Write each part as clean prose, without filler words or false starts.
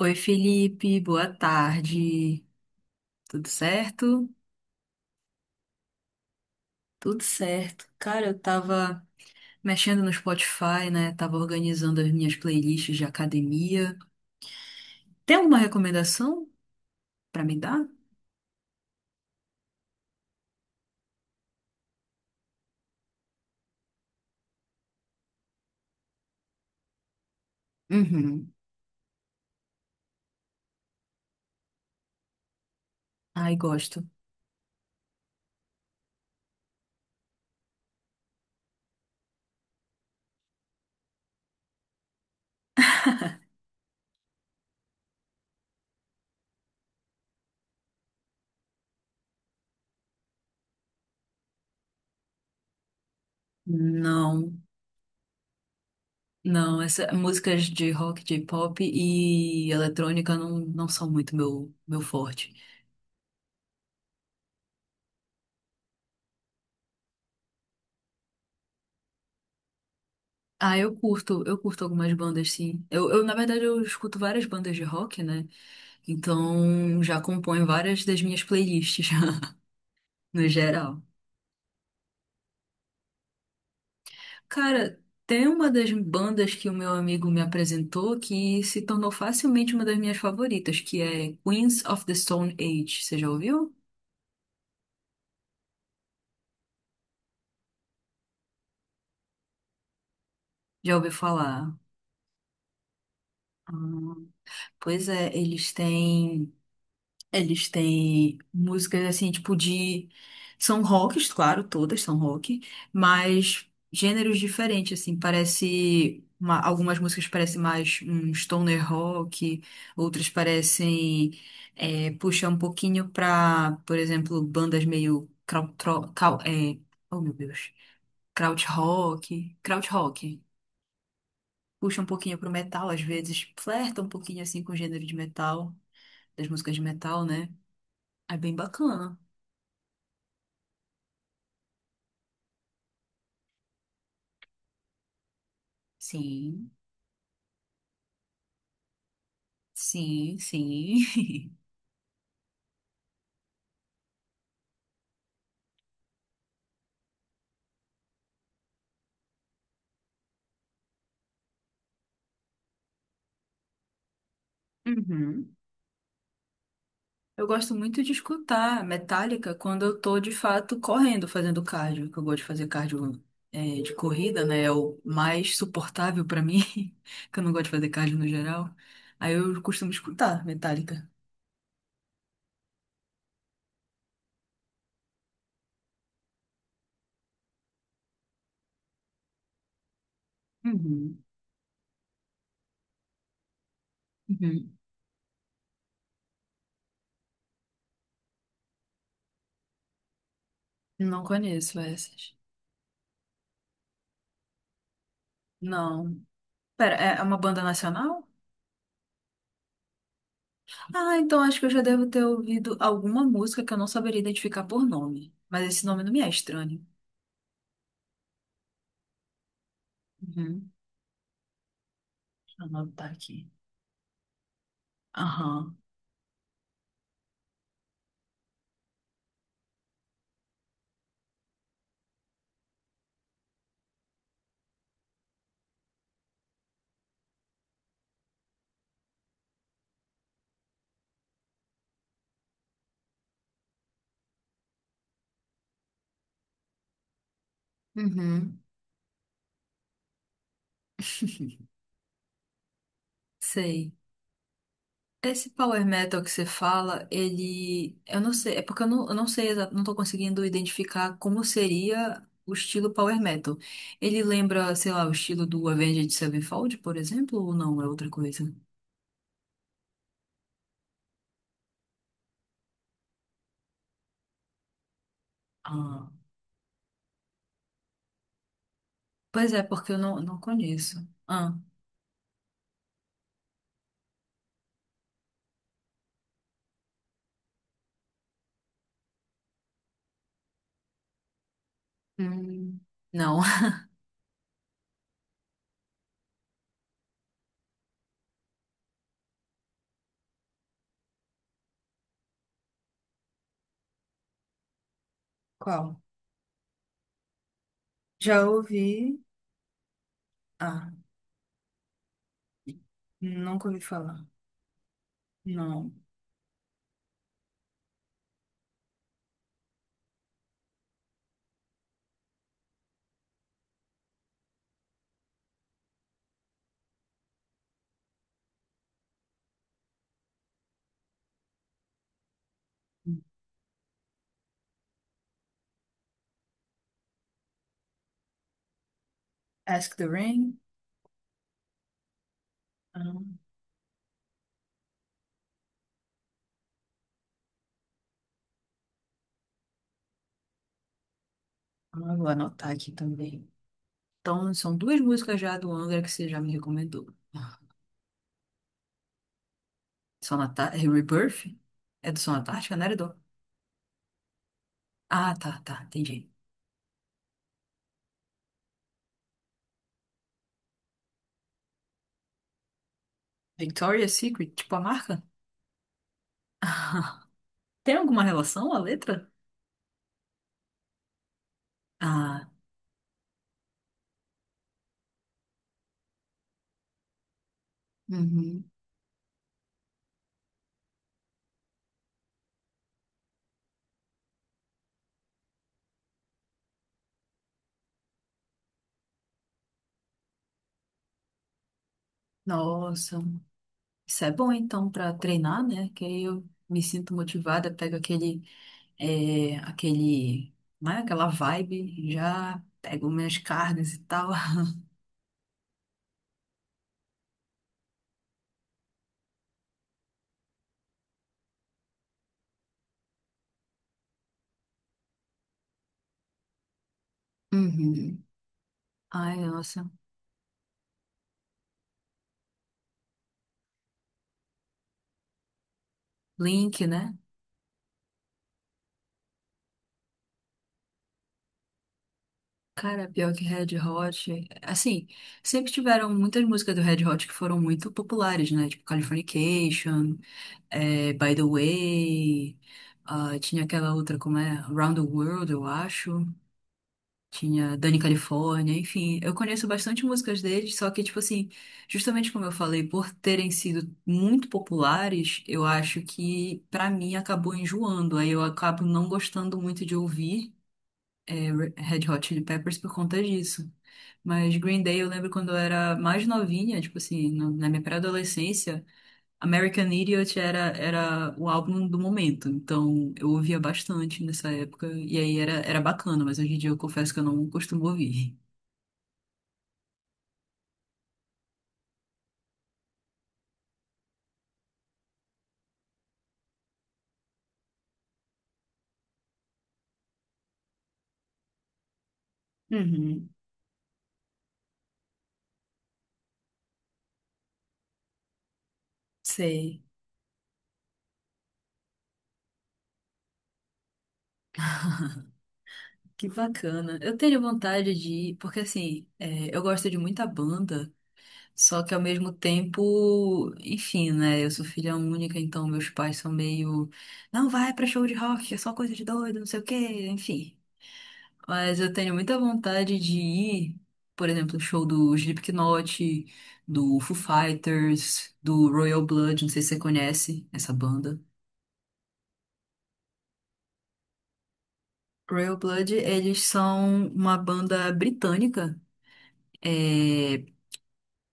Oi, Felipe, boa tarde. Tudo certo? Tudo certo. Cara, eu tava mexendo no Spotify, né? Tava organizando as minhas playlists de academia. Tem alguma recomendação pra me dar? Uhum. Ai, gosto. Não, não, essa, músicas de rock, de pop e eletrônica não são muito meu forte. Ah, eu curto algumas bandas, sim. Na verdade, eu escuto várias bandas de rock, né? Então, já compõe várias das minhas playlists, já, no geral. Cara, tem uma das bandas que o meu amigo me apresentou que se tornou facilmente uma das minhas favoritas, que é Queens of the Stone Age. Você já ouviu? Já ouviu falar? Ah, pois é, eles têm. Eles têm músicas assim, tipo de. São rocks, claro, todas são rock, mas gêneros diferentes, assim. Parece. Algumas músicas parecem mais um stoner rock, outras parecem. É, puxar um pouquinho pra, por exemplo, bandas meio. Crau, tro- cal- é, oh, meu Deus. Kraut rock. Kraut rock. Puxa um pouquinho pro metal, às vezes. Flerta um pouquinho assim com o gênero de metal, das músicas de metal, né? É bem bacana. Sim, sim, sim. Uhum. Eu gosto muito de escutar Metallica quando eu tô de fato correndo, fazendo cardio, que eu gosto de fazer cardio é, de corrida, né? É o mais suportável pra mim, que eu não gosto de fazer cardio no geral. Aí eu costumo escutar Metallica. Uhum. Uhum. Não conheço essas. Não. Pera, é uma banda nacional? Ah, então acho que eu já devo ter ouvido alguma música que eu não saberia identificar por nome. Mas esse nome não me é estranho. Uhum. Ela tá aqui. Aham. Uhum, sei. Esse power metal que você fala, ele. Eu não sei, é porque eu não sei, não tô conseguindo identificar como seria o estilo power metal. Ele lembra, sei lá, o estilo do Avenged Sevenfold, por exemplo, ou não? É outra coisa? Ah, pois é, porque eu não conheço. Ah, hum, não. Qual? Já ouvi. Ah, nunca ouvi falar. Não. Ask the Ring? Ah. Ah, vou anotar aqui também. Então, são duas músicas já do Angra que você já me recomendou. Sonata... é Rebirth? É do Sonata Ártica, não era. Ah, tá, tá, entendi. Victoria's Secret, tipo a marca? Tem alguma relação a letra? Ah, uhum. Nossa, isso é bom então pra treinar, né? Que aí eu me sinto motivada, pego aquele, é, aquele, né? Aquela vibe, já pego minhas carnes e tal. Uhum. Ai, nossa. Link, né? Cara, pior que Red Hot, assim, sempre tiveram muitas músicas do Red Hot que foram muito populares, né? Tipo Californication, By the Way, ah, tinha aquela outra, como é? Round the World, eu acho. Tinha Dani California, enfim. Eu conheço bastante músicas deles, só que, tipo assim, justamente como eu falei, por terem sido muito populares, eu acho que, pra mim, acabou enjoando. Aí eu acabo não gostando muito de ouvir Red Hot Chili Peppers por conta disso. Mas Green Day eu lembro quando eu era mais novinha, tipo assim, na minha pré-adolescência, American Idiot era o álbum do momento. Então eu ouvia bastante nessa época e aí era bacana, mas hoje em dia eu confesso que eu não costumo ouvir. Uhum, sei. Que bacana. Eu tenho vontade de ir, porque assim, é, eu gosto de muita banda. Só que ao mesmo tempo, enfim, né? Eu sou filha única, então meus pais são meio, não vai pra show de rock, é só coisa de doido, não sei o quê, enfim. Mas eu tenho muita vontade de ir, por exemplo, no show do Slipknot, do Foo Fighters, do Royal Blood, não sei se você conhece essa banda. Royal Blood, eles são uma banda britânica. É,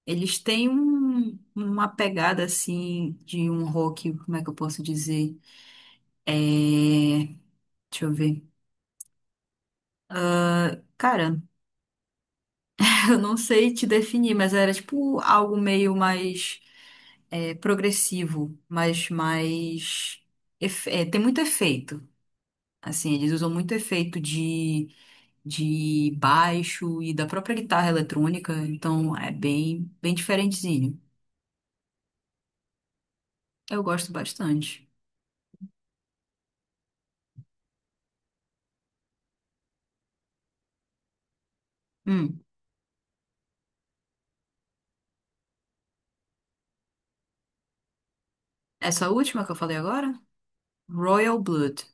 eles têm uma pegada assim de um rock, como é que eu posso dizer? É... Deixa eu ver. Cara, eu não sei te definir, mas era tipo algo meio mais é, progressivo, mas mais. É, tem muito efeito. Assim, eles usam muito efeito de baixo e da própria guitarra eletrônica, então é bem diferentezinho. Eu gosto bastante. Hum, essa última que eu falei agora? Royal Blood.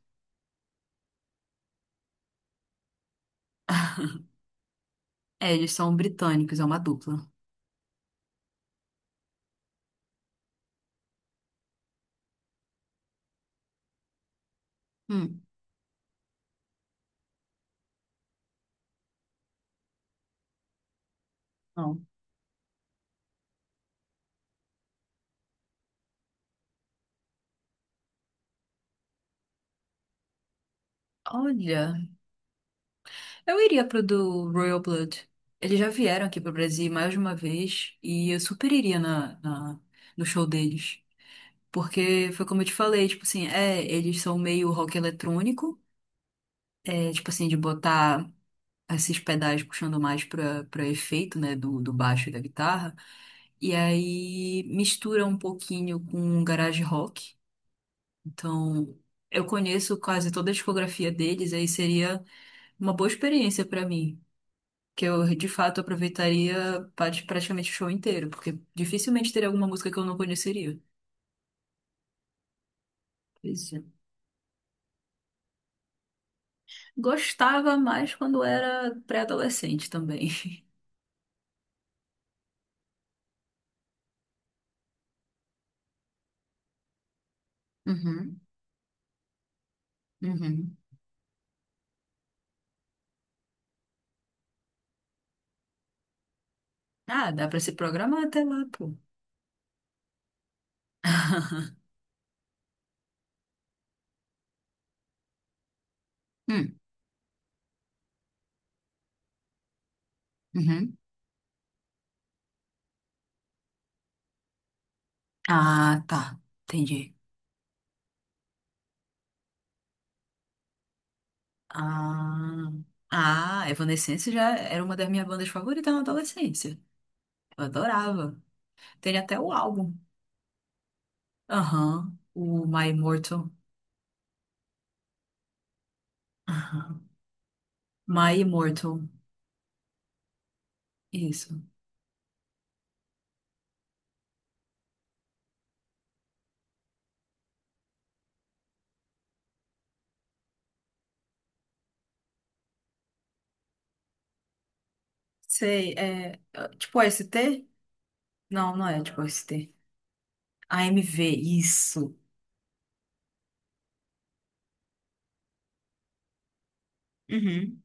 É, eles são britânicos, é uma dupla. Hum. Não. Olha. Eu iria pro do Royal Blood. Eles já vieram aqui pro Brasil mais de uma vez e eu super iria na no show deles. Porque foi como eu te falei, tipo assim, é, eles são meio rock eletrônico, é, tipo assim, de botar esses pedais puxando mais pra, pra efeito, né, do, do baixo e da guitarra. E aí mistura um pouquinho com garage rock. Então, eu conheço quase toda a discografia deles, aí seria uma boa experiência pra mim, que eu de fato aproveitaria praticamente o show inteiro, porque dificilmente teria alguma música que eu não conheceria. Pois é. Gostava mais quando era pré-adolescente também. Uhum, uhum. Ah, dá pra se programar até lá, pô. Hum, uhum. Ah, tá. Entendi. Ah, ah, Evanescence já era uma das minhas bandas favoritas na adolescência. Eu adorava. Tem até o álbum. Aham, o My Immortal. Aham. My Immortal. Isso. Sei, é. Tipo AST. Não, não é tipo AST. AMV, isso. Uhum.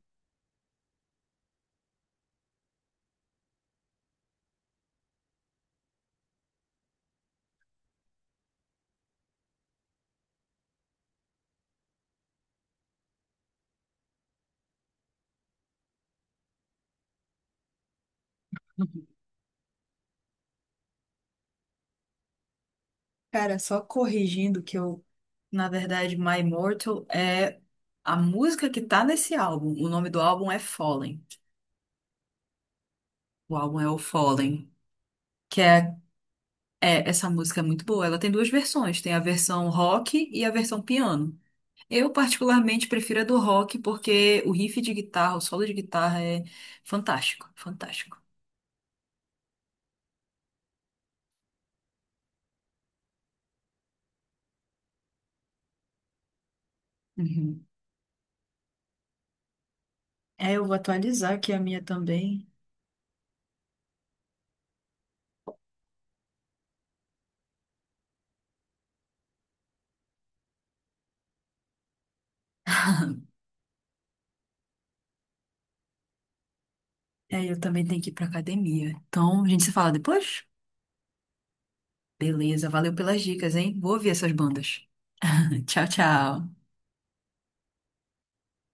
Cara, só corrigindo que na verdade, My Immortal é a música que tá nesse álbum. O nome do álbum é Fallen. O álbum é o Fallen, que é, é essa música é muito boa. Ela tem duas versões, tem a versão rock e a versão piano. Eu particularmente prefiro a do rock porque o riff de guitarra, o solo de guitarra é fantástico, fantástico. É, eu vou atualizar aqui a minha também. É, eu também tenho que ir pra academia. Então, a gente se fala depois? Beleza, valeu pelas dicas, hein? Vou ouvir essas bandas. Tchau, tchau.